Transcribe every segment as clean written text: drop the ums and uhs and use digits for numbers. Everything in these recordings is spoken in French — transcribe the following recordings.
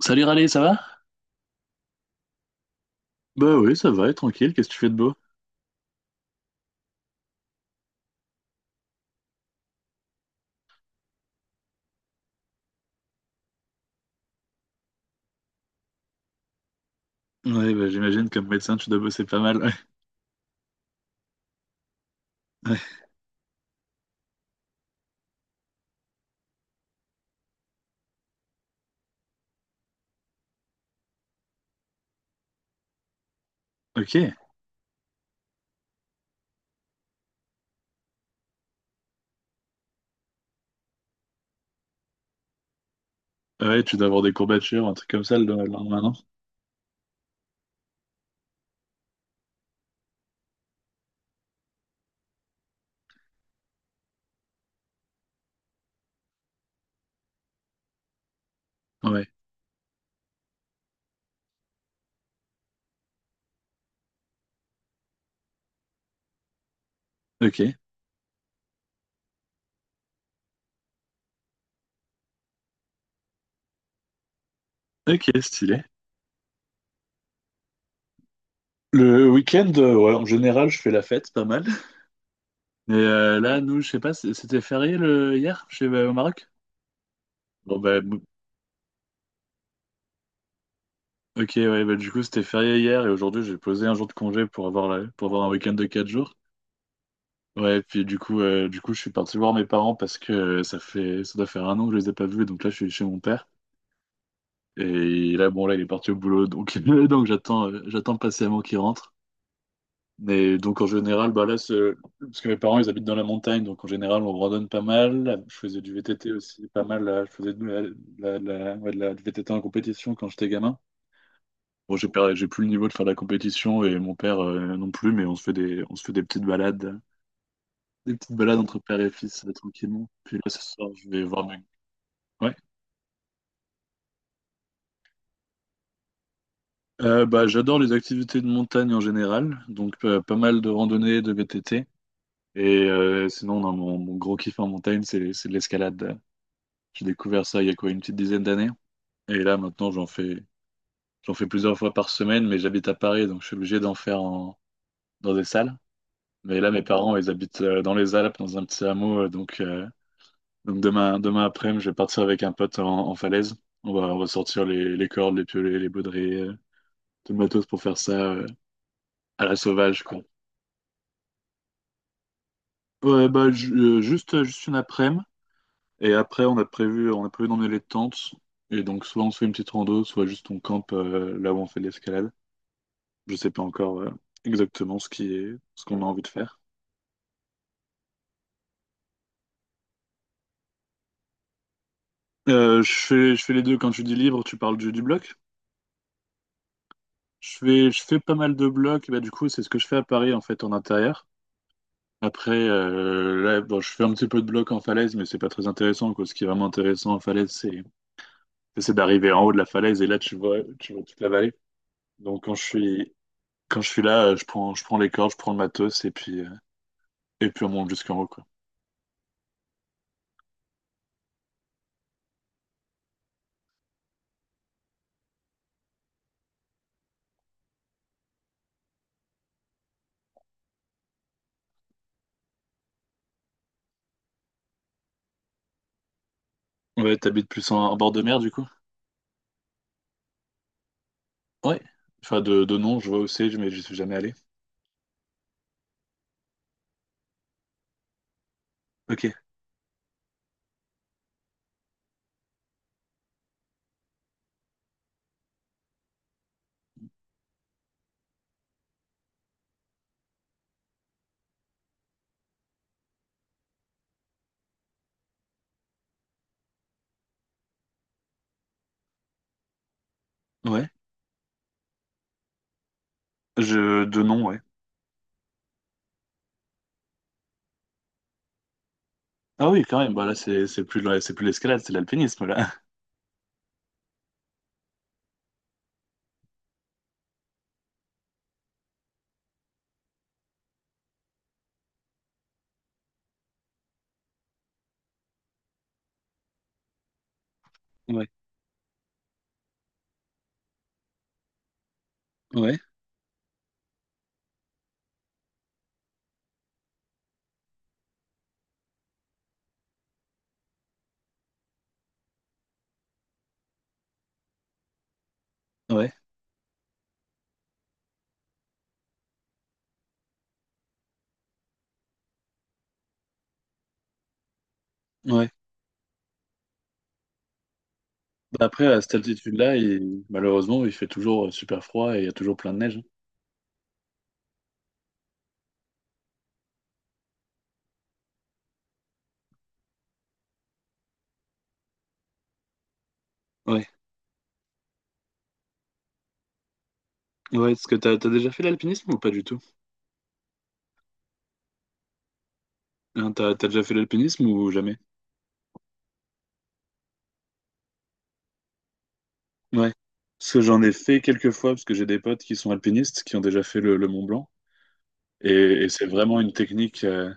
Salut Raleigh, ça va? Bah oui, ça va, tranquille, qu'est-ce que tu fais de beau? Ouais, bah j'imagine comme médecin, tu dois bosser pas mal. Ouais. Ouais. Ok. Ah ouais, tu dois avoir des courbatures, un truc comme ça le lendemain, non? Ouais. Ok. Ok, stylé. Le week-end, ouais, en général, je fais la fête, pas mal. Et là, nous, je sais pas, c'était férié le hier, chez au Maroc? Bon bah, ok, ouais, bah du coup, c'était férié hier et aujourd'hui, j'ai posé un jour de congé pour pour avoir un week-end de 4 jours. Ouais, puis du coup, je suis parti voir mes parents parce que ça doit faire un an que je les ai pas vus, donc là, je suis chez mon père. Et là, bon, là, il est parti au boulot, donc, donc j'attends patiemment qu'il rentre. Mais donc, en général, bah là, parce que mes parents, ils habitent dans la montagne, donc en général, on randonne pas mal. Je faisais du VTT aussi, pas mal. Là. Je faisais ouais, du VTT en compétition quand j'étais gamin. Bon, j'ai perdu, j'ai plus le niveau de faire de la compétition et mon père non plus, mais on se fait des petites balades. Des petites balades entre père et fils, tranquillement. Puis là, ce soir, je vais voir mes... Ouais. Bah, j'adore les activités de montagne en général. Donc, pas mal de randonnées, de VTT. Et sinon, non, mon gros kiff en montagne, c'est de l'escalade. J'ai découvert ça il y a quoi, une petite dizaine d'années. Et là, maintenant, j'en fais plusieurs fois par semaine, mais j'habite à Paris, donc je suis obligé d'en faire dans des salles. Mais là, mes parents, ils habitent dans les Alpes, dans un petit hameau. Donc demain après, je vais partir avec un pote en falaise. On va on ressortir les cordes, les piolets, les baudriers, tout le matos pour faire ça à la sauvage, quoi. Ouais, bah, juste une après-midi. Et après, on a prévu d'emmener les tentes. Et donc, soit on se fait une petite rando, soit juste on campe là où on fait de l'escalade. Je sais pas encore exactement ce qu'on a envie de faire. Je fais les deux. Quand tu dis libre, tu parles du bloc. Je fais pas mal de blocs. Bah, du coup, c'est ce que je fais à Paris, en fait, en intérieur. Après, là, bon, je fais un petit peu de bloc en falaise, mais c'est pas très intéressant, quoi. Ce qui est vraiment intéressant en falaise, c'est d'arriver en haut de la falaise et là, tu vois toute la vallée. Donc, quand je suis là, je prends les cordes, je prends le matos et puis on monte jusqu'en haut, quoi. Ouais, t'habites plus en bord de mer, du coup? Ouais. Enfin, de nom, je vois où c'est, mais je suis jamais allé. Ok. Ouais. Je, de nom, ouais. Ah oui, quand même. Bah là, c'est plus, c'est plus l'escalade, c'est l'alpinisme, là. Ouais. Ouais. Ouais. Ouais. Bah après, à cette altitude-là, malheureusement, il fait toujours super froid et il y a toujours plein de neige. Ouais. Ouais. Est-ce que t'as déjà fait l'alpinisme ou pas du tout? Hein, t'as déjà fait l'alpinisme ou jamais? Ouais. Parce que j'en ai fait quelques fois, parce que j'ai des potes qui sont alpinistes, qui ont déjà fait le Mont Blanc. Et c'est vraiment une technique,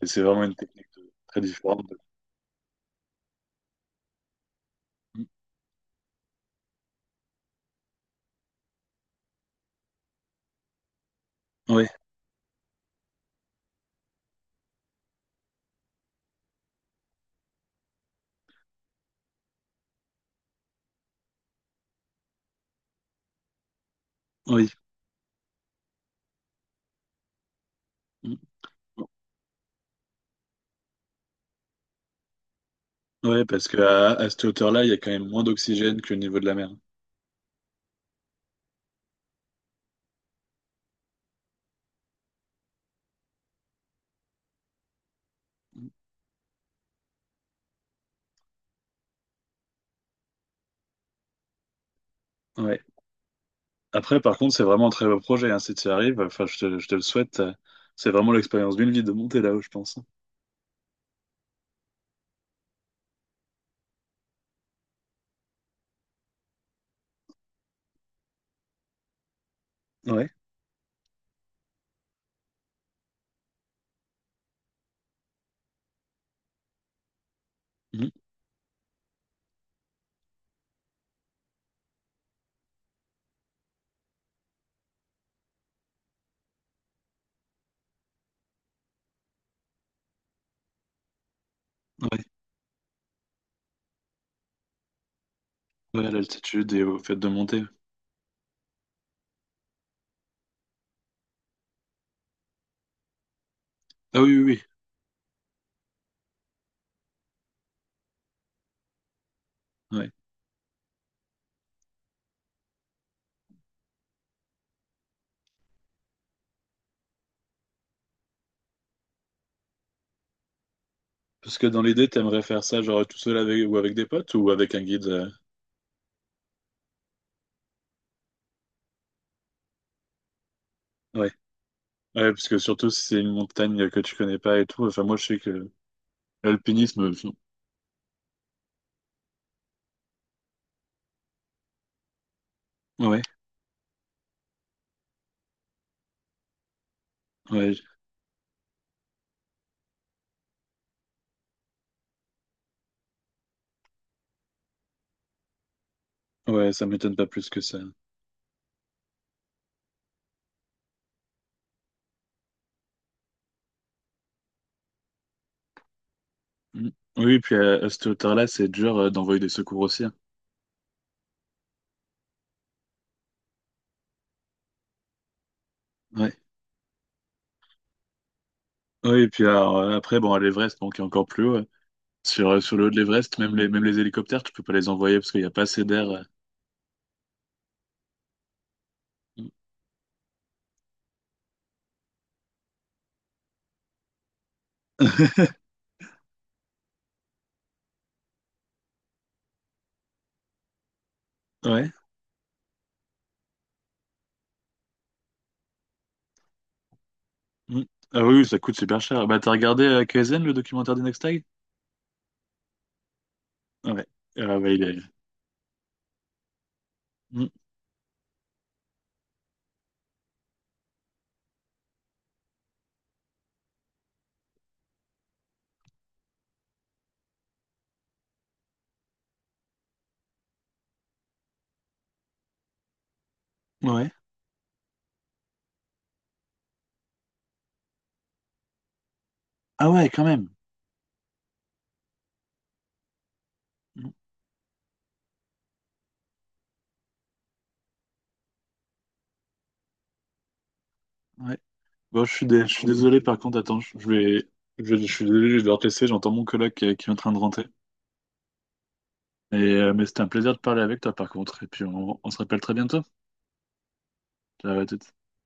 c'est vraiment une technique très différente. Oui, oui. Mm. Ouais, parce qu'à à cette hauteur-là, il y a quand même moins d'oxygène que le niveau de la mer. Ouais. Après, par contre, c'est vraiment un très beau projet, hein, si tu y arrives, enfin, je te le souhaite. C'est vraiment l'expérience d'une vie de monter là-haut, je pense. Ouais. Mhm. Ouais. Ouais, à l'altitude et au fait de monter. Ah oui, oui, oui. Ouais. Parce que dans l'idée, t'aimerais faire ça genre tout seul avec ou avec des potes ou avec un guide. Ouais. Ouais, parce que surtout si c'est une montagne que tu connais pas et tout. Enfin, moi, je sais que l'alpinisme. Ouais, ouais, ouais, ça m'étonne pas plus que ça. Mm. Oui, puis à cette hauteur-là, c'est dur d'envoyer des secours aussi, hein. Ouais. Oui, et puis alors, après, bon, à l'Everest, bon, qui est encore plus haut. Ouais. Sur le haut de l'Everest, même les hélicoptères, tu peux pas les envoyer parce qu'il n'y a pas assez d'air. Mm. Ouais. Mm. Ah oui, oui, ça coûte super cher. Bah, t'as regardé Kaizen, le documentaire d'Inextag? Ouais. Ah ouais, Mm. Ouais. Ah ouais, quand même. Mm. Ouais. Bon, je suis désolé, par contre, attends, je vais... Je suis désolé, je vais devoir te laisser, j'entends mon coloc qui est en train de rentrer. Et, mais c'était un plaisir de parler avec toi, par contre. Et puis, on se rappelle très bientôt. Ciao, à toutes.